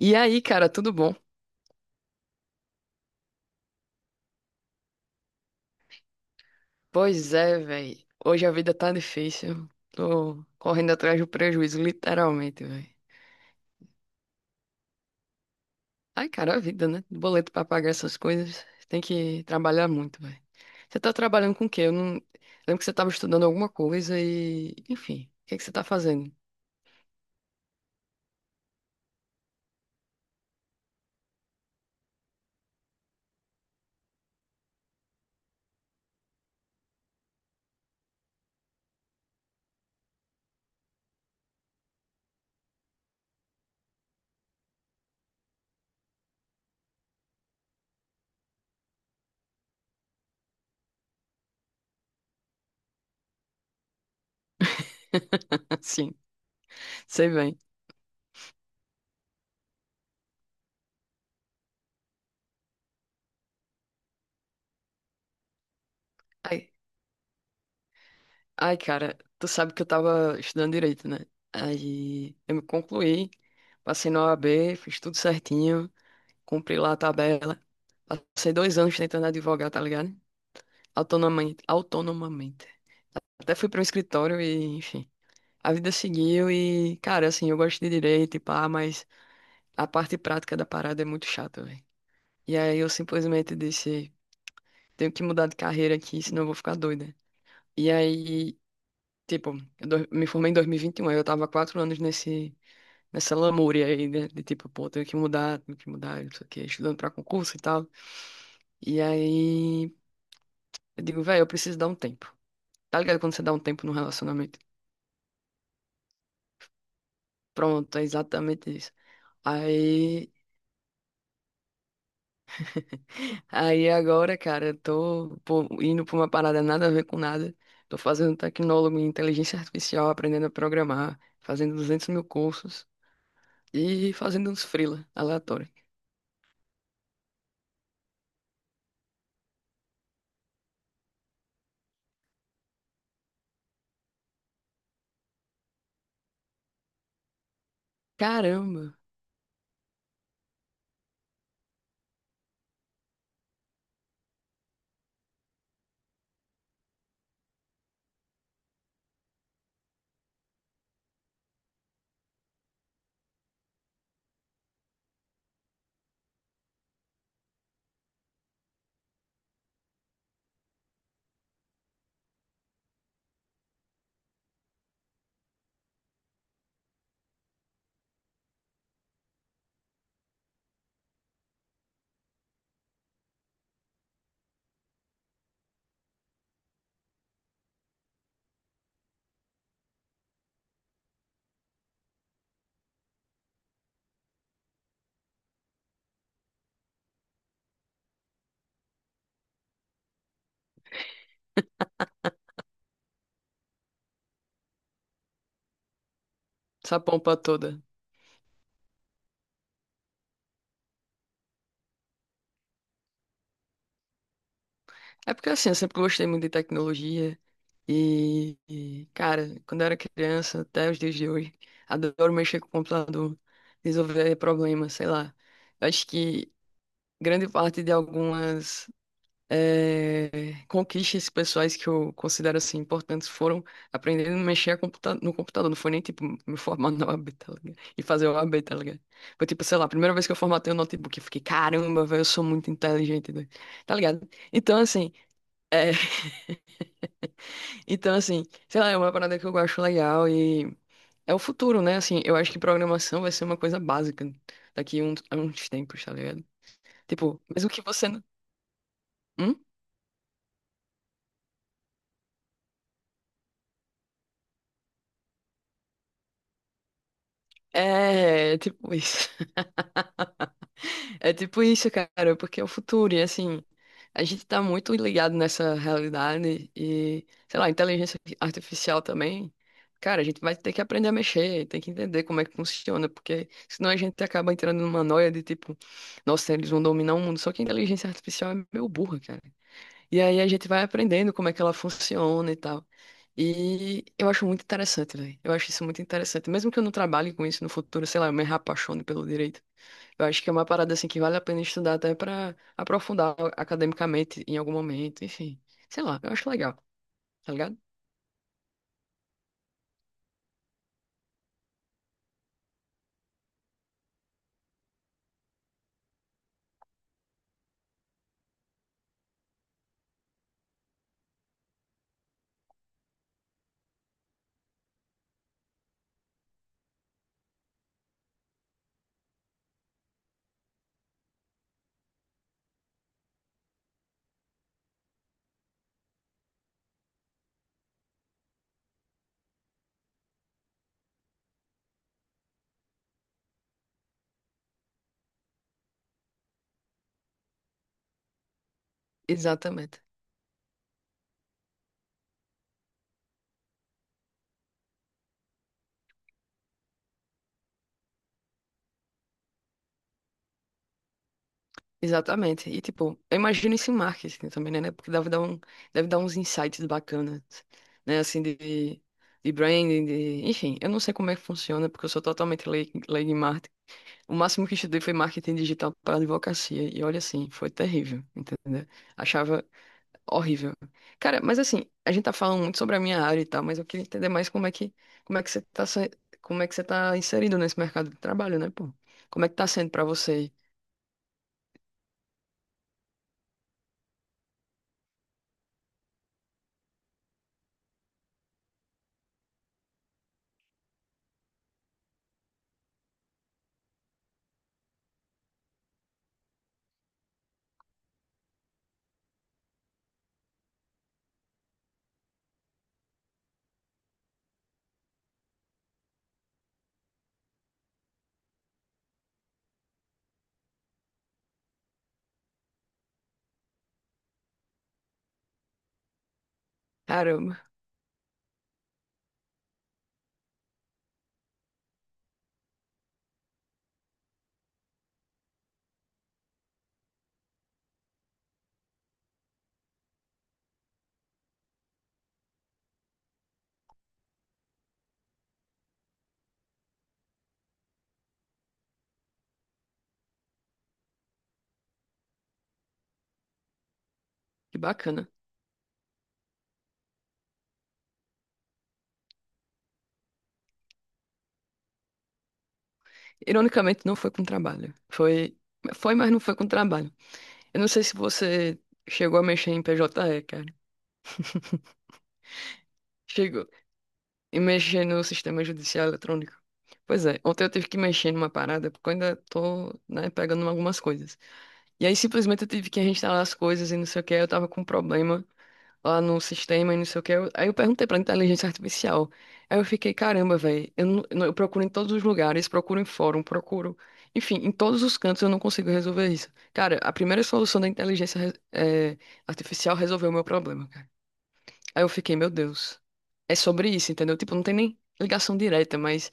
E aí, cara, tudo bom? Pois é, velho. Hoje a vida tá difícil. Tô correndo atrás do prejuízo, literalmente, velho. Ai, cara, a vida, né? Boleto pra pagar essas coisas. Tem que trabalhar muito, velho. Você tá trabalhando com o quê? Eu não... Lembro que você tava estudando alguma coisa e... Enfim, o que é que você tá fazendo? Sim, sei bem. Ai, ai, cara, tu sabe que eu tava estudando direito, né? Aí eu me concluí, passei na O A B, fiz tudo certinho. Cumpri lá a tabela. Passei 2 anos tentando advogar, tá ligado? Autonomamente, autonomamente. Até fui para um escritório e, enfim, a vida seguiu e, cara, assim, eu gosto de direito e pá, mas a parte prática da parada é muito chata, velho. E aí eu simplesmente disse, tenho que mudar de carreira aqui, senão eu vou ficar doida. E aí, tipo, me formei em 2021, aí eu tava 4 anos nesse, nessa lamúria aí, né? De tipo, pô, tenho que mudar, não sei o quê, estudando pra concurso e tal. E aí, eu digo, velho, eu preciso dar um tempo. Tá ligado quando você dá um tempo num relacionamento? Pronto, é exatamente isso. Aí, aí, agora, cara, eu tô pô, indo pra uma parada nada a ver com nada. Tô fazendo tecnólogo em inteligência artificial, aprendendo a programar, fazendo 200 mil cursos e fazendo uns freela aleatório. Caramba, essa pompa toda. É porque assim, eu sempre gostei muito de tecnologia, e, cara, quando eu era criança, até os dias de hoje, adoro mexer com o computador, resolver problemas, sei lá. Eu acho que grande parte de algumas eh, conquistas pessoais que eu considero assim importantes foram aprendendo a mexer a computa no computador. Não foi nem tipo me formar na OAB, tá ligado? E fazer OAB, tá ligado? Foi tipo, sei lá, a primeira vez que eu formatei o notebook, eu fiquei, caramba, velho, eu sou muito inteligente, doido." Tá ligado? Então, assim. eh, então, assim, sei lá, é uma parada que eu acho legal e é o futuro, né? Assim, eu acho que programação vai ser uma coisa básica daqui a uns tempos, tá ligado? Tipo, mesmo que você. Não- Hum? É, tipo isso. É tipo isso, cara, porque é o futuro, e assim, a gente tá muito ligado nessa realidade e, sei lá, inteligência artificial também. Cara, a gente vai ter que aprender a mexer, tem que entender como é que funciona, porque senão a gente acaba entrando numa noia de tipo, nossa, eles vão dominar o mundo, só que a inteligência artificial é meio burra, cara. E aí a gente vai aprendendo como é que ela funciona e tal. E eu acho muito interessante, velho. Eu acho isso muito interessante. Mesmo que eu não trabalhe com isso no futuro, sei lá, eu me apaixone pelo direito. Eu acho que é uma parada assim que vale a pena estudar até pra aprofundar academicamente em algum momento, enfim. Sei lá, eu acho legal, tá ligado? Exatamente. Exatamente. E tipo, eu imagino isso em marketing também, né? Porque deve dar uns insights bacanas, né? Assim, de branding, de... Enfim, eu não sei como é que funciona, porque eu sou totalmente leigo em marketing. O máximo que estudei foi marketing digital para advocacia. E olha assim, foi terrível, entendeu? Achava Horrível. Cara, mas assim, a gente tá falando muito sobre a minha área e tal, mas eu queria entender mais como é que você tá, como é que você tá inserido nesse mercado de trabalho, né, pô? Como é que tá sendo pra você? Caramba, que bacana. Ironicamente, não foi com trabalho. Foi, mas não foi com trabalho. Eu não sei se você chegou a mexer em PJE, cara. Chegou. E mexer no sistema judicial eletrônico. Pois é, ontem eu tive que mexer numa parada, porque eu ainda tô, né, pegando algumas coisas. E aí simplesmente eu tive que reinstalar as coisas e não sei o que, eu tava com um problema lá no sistema e não sei o que. Aí eu perguntei pra inteligência artificial. Aí eu fiquei, caramba, velho, eu, não- eu não- eu procuro em todos os lugares, procuro em fórum, procuro. Enfim, em todos os cantos eu não consigo resolver isso. Cara, a primeira solução da inteligência, artificial resolveu o meu problema, cara. Aí eu fiquei, meu Deus, é sobre isso, entendeu? Tipo, não tem nem ligação direta, mas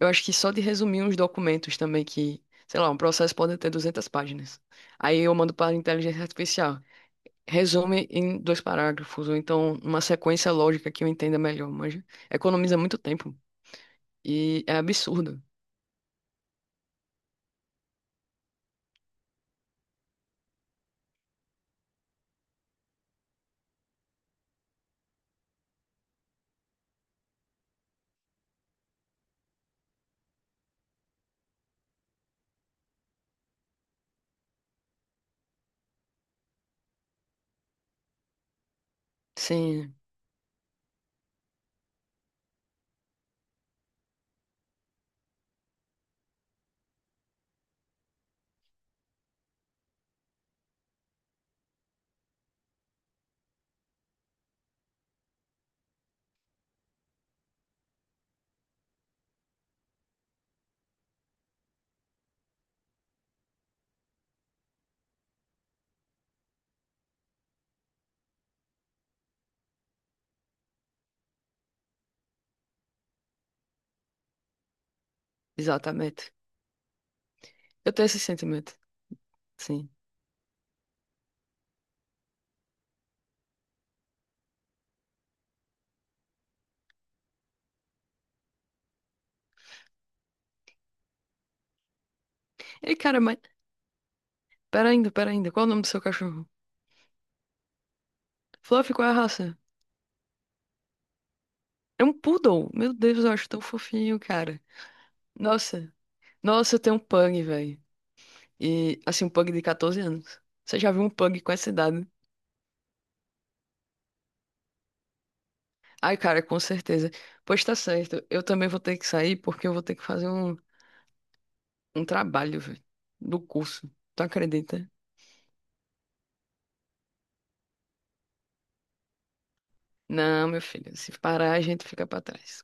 eu acho que só de resumir uns documentos também que, sei lá, um processo pode ter 200 páginas. Aí eu mando para a inteligência artificial. Resume em 2 parágrafos, ou então uma sequência lógica que eu entenda melhor, mas economiza muito tempo e é absurdo. Sim, exatamente. Eu tenho esse sentimento, sim. Ei, cara, mas pera ainda, qual é o nome do seu cachorro? Fluffy, qual é a raça? É um poodle. Meu Deus, eu acho tão fofinho, cara. Nossa, nossa, eu tenho um pug, velho. E, assim, um pug de 14 anos. Você já viu um pug com essa idade? Ai, cara, com certeza. Pois tá certo, eu também vou ter que sair porque eu vou ter que fazer um trabalho, velho, do curso. Tu acredita? Não, meu filho, se parar, a gente fica pra trás.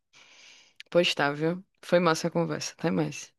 Pois tá, viu? Foi massa a conversa. Até mais.